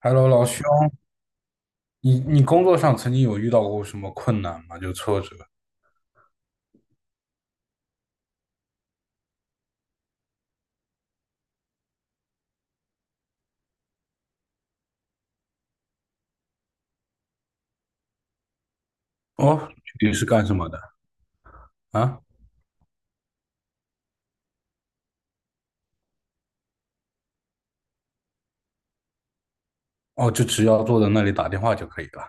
Hello，老兄，你工作上曾经有遇到过什么困难吗？就挫折？哦，你是干什么的啊？哦，就只要坐在那里打电话就可以了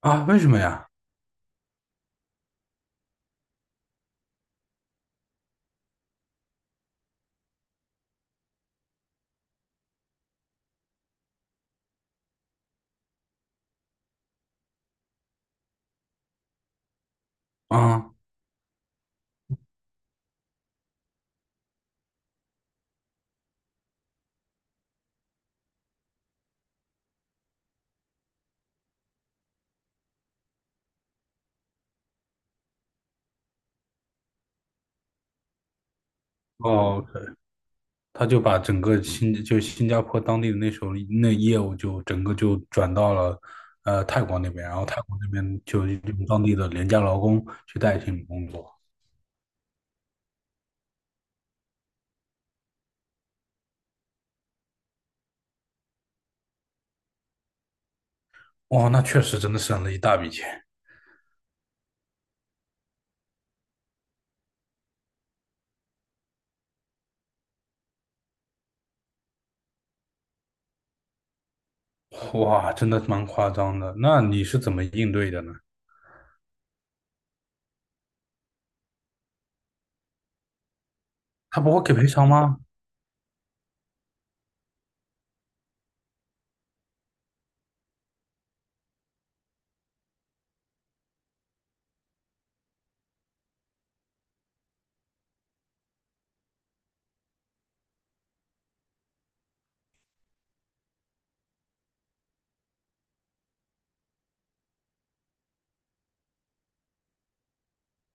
啊？为什么呀？啊，哦，他就把整个新就新加坡当地的那时候那业务就整个就转到了泰国那边，然后泰国那边就用当地的廉价劳工去代替你工作。哇，那确实真的省了一大笔钱。哇，真的蛮夸张的。那你是怎么应对的呢？他不会给赔偿吗？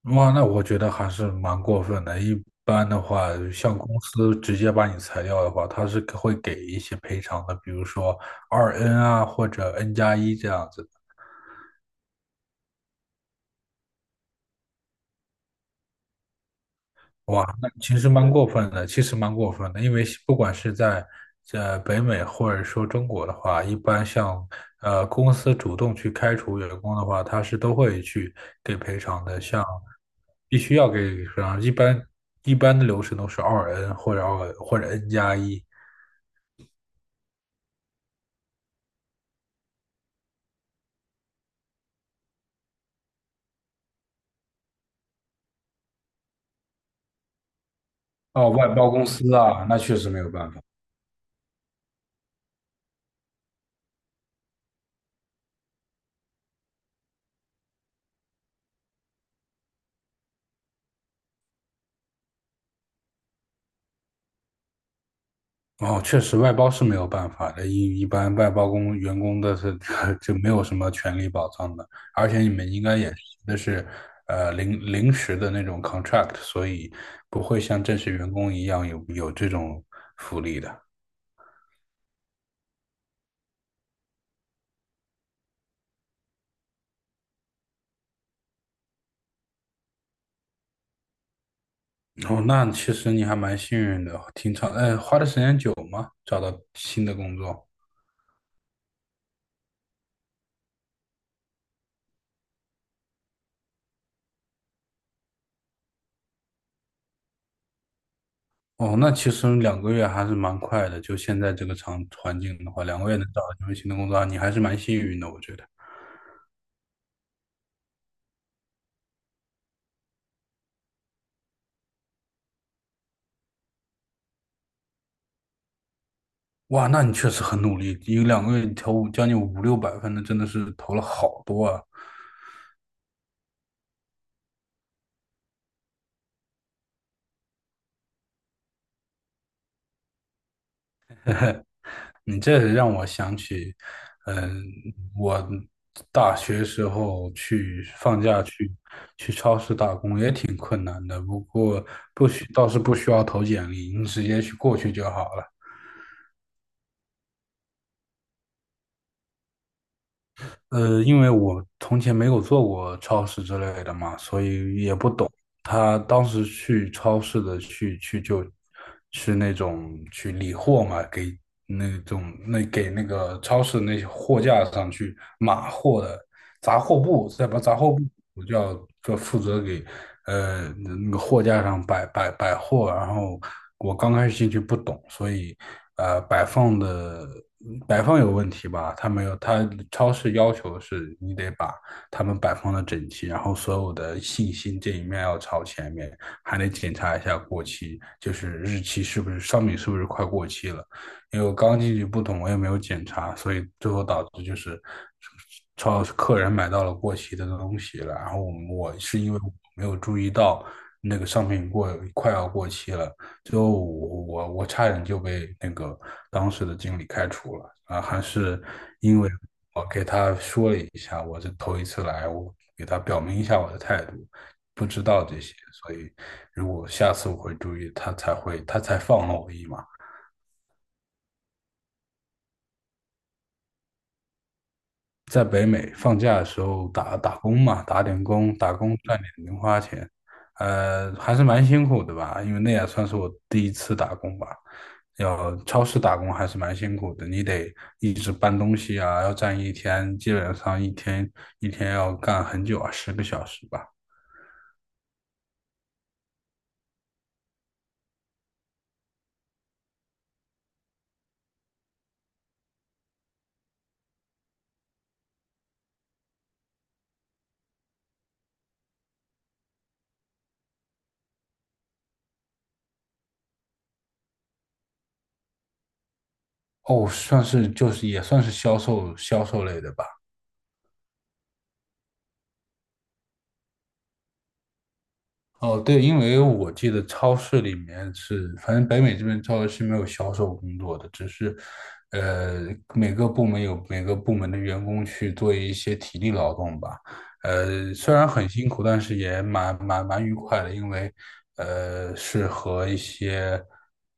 哇，那我觉得还是蛮过分的。一般的话，像公司直接把你裁掉的话，他是会给一些赔偿的，比如说二 N 啊，或者 N 加一这样子的。哇，那其实蛮过分的，其实蛮过分的，因为不管是在北美或者说中国的话，一般像公司主动去开除员工的话，他是都会去给赔偿的，像必须要给赔偿，一般的流程都是二 N 或者二或者 N 加一。哦，外包公司啊，那确实没有办法。哦，确实外包是没有办法的，一般外包工员工的是 就没有什么权利保障的，而且你们应该也那是临时的那种 contract，所以不会像正式员工一样有这种福利的。哦，那其实你还蛮幸运的，挺长，花的时间久吗？找到新的工作？哦，那其实两个月还是蛮快的。就现在这个场环境的话，两个月能找到一份新的工作，啊你还是蛮幸运的，我觉得。哇，那你确实很努力，一个两个月你投五将近五六百分的，真的是投了好多啊！你这让我想起，嗯，我大学时候去放假去打工也挺困难的，不过不需倒是不需要投简历，你直接去过去就好了。呃，因为我从前没有做过超市之类的嘛，所以也不懂。他当时去超市的就是那种去理货嘛，那种给那个超市那些货架上去码货的杂货部，我就要就负责给那个货架上摆货，然后我刚开始进去不懂，所以呃摆放的摆放有问题吧？他没有，他超市要求是你得把他们摆放的整齐，然后所有的信息这一面要朝前面，还得检查一下过期，就是日期是不是商品是不是快过期了。因为我刚进去不懂，我也没有检查，所以最后导致就是超客人买到了过期的东西了，然后我是因为我没有注意到那个商品过快要过期了，最后我我差点就被那个当时的经理开除了啊，还是因为我给他说了一下，我是头一次来，我给他表明一下我的态度。不知道这些，所以如果下次我会注意，他才放了我一马。在北美放假的时候打工嘛，打点工，打工赚点零花钱。还是蛮辛苦的吧，因为那也算是我第一次打工吧。要超市打工还是蛮辛苦的，你得一直搬东西啊，要站一天，基本上一天要干很久啊，十个小时吧。哦，算是就是也算是销售类的吧。哦，对，因为我记得超市里面是，反正北美这边超市是没有销售工作的，只是，呃，每个部门有每个部门的员工去做一些体力劳动吧。虽然很辛苦，但是也蛮愉快的，因为，是和一些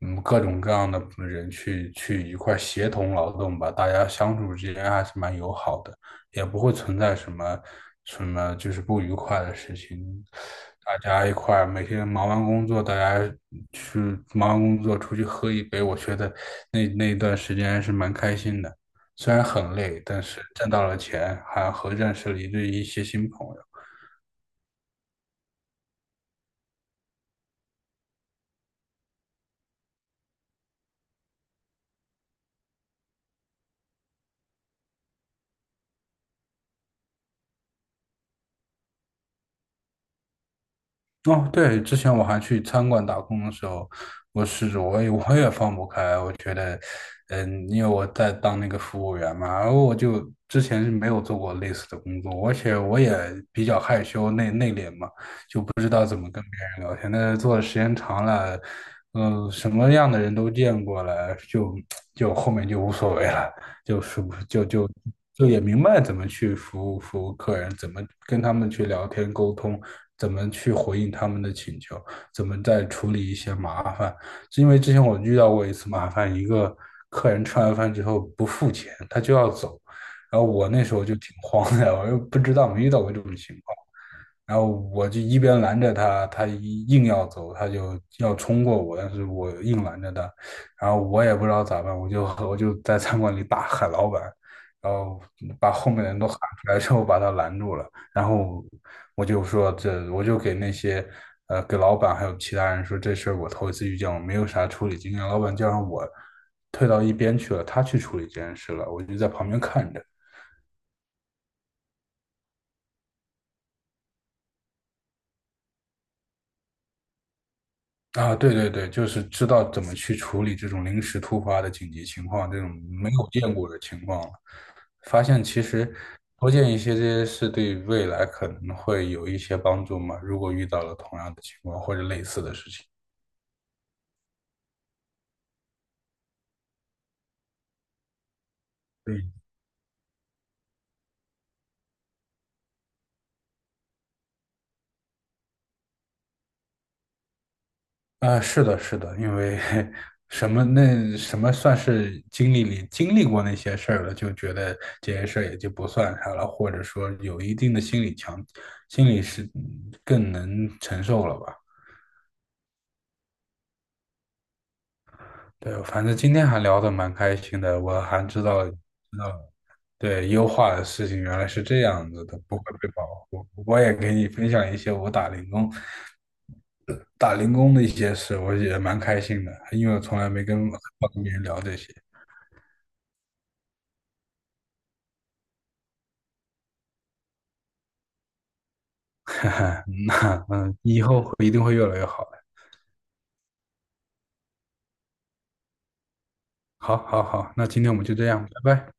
嗯各种各样的人一块儿协同劳动吧，大家相处之间还是蛮友好的。也不会存在什么就是不愉快的事情。大家一块儿每天忙完工作，大家去忙完工作出去喝一杯，我觉得那一段时间还是蛮开心的。虽然很累，但是挣到了钱，还和认识了一些新朋友。哦，对，之前我还去餐馆打工的时候，我试着我也我也放不开，我觉得，嗯，因为我在当那个服务员嘛，然后我就之前是没有做过类似的工作，而且我也比较害羞内敛嘛，不知道怎么跟别人聊天。但是做的时间长了，什么样的人都见过了，就后面就无所谓了，就是就就就也明白怎么去服务客人，怎么跟他们去聊天沟通，怎么去回应他们的请求，怎么再处理一些麻烦。是因为之前我遇到过一次麻烦，一个客人吃完饭之后不付钱，他就要走。然后我那时候就挺慌的，我又不知道没遇到过这种情况，然后我就一边拦着他，他一硬要走，他就要冲过我，但是我硬拦着他，然后我也不知道咋办，我就在餐馆里大喊老板，然后把后面的人都喊出来之后把他拦住了，然后我就给那些给老板还有其他人说这事儿我头一次遇见，我没有啥处理经验，老板叫上我退到一边去了，他去处理这件事了，我就在旁边看着。啊，对对对，就是知道怎么去处理这种临时突发的紧急情况，这种没有见过的情况了。发现其实多见一些这些事，对未来可能会有一些帮助嘛。如果遇到了同样的情况或者类似的事情，嗯，啊，是的，是的，因为 什么算是经历过那些事儿了，就觉得这些事儿也就不算啥了，或者说有一定的心理强，心理是嗯更能承受了吧。对，反正今天还聊得蛮开心的，我还知道了对，优化的事情原来是这样子的，不会被保护。我也给你分享一些我打零工、打零工的一些事，我也蛮开心的，因为我从来没跟别人聊这些。哈哈，那嗯，以后会一定会越来越好的。好，好，好，那今天我们就这样，拜拜。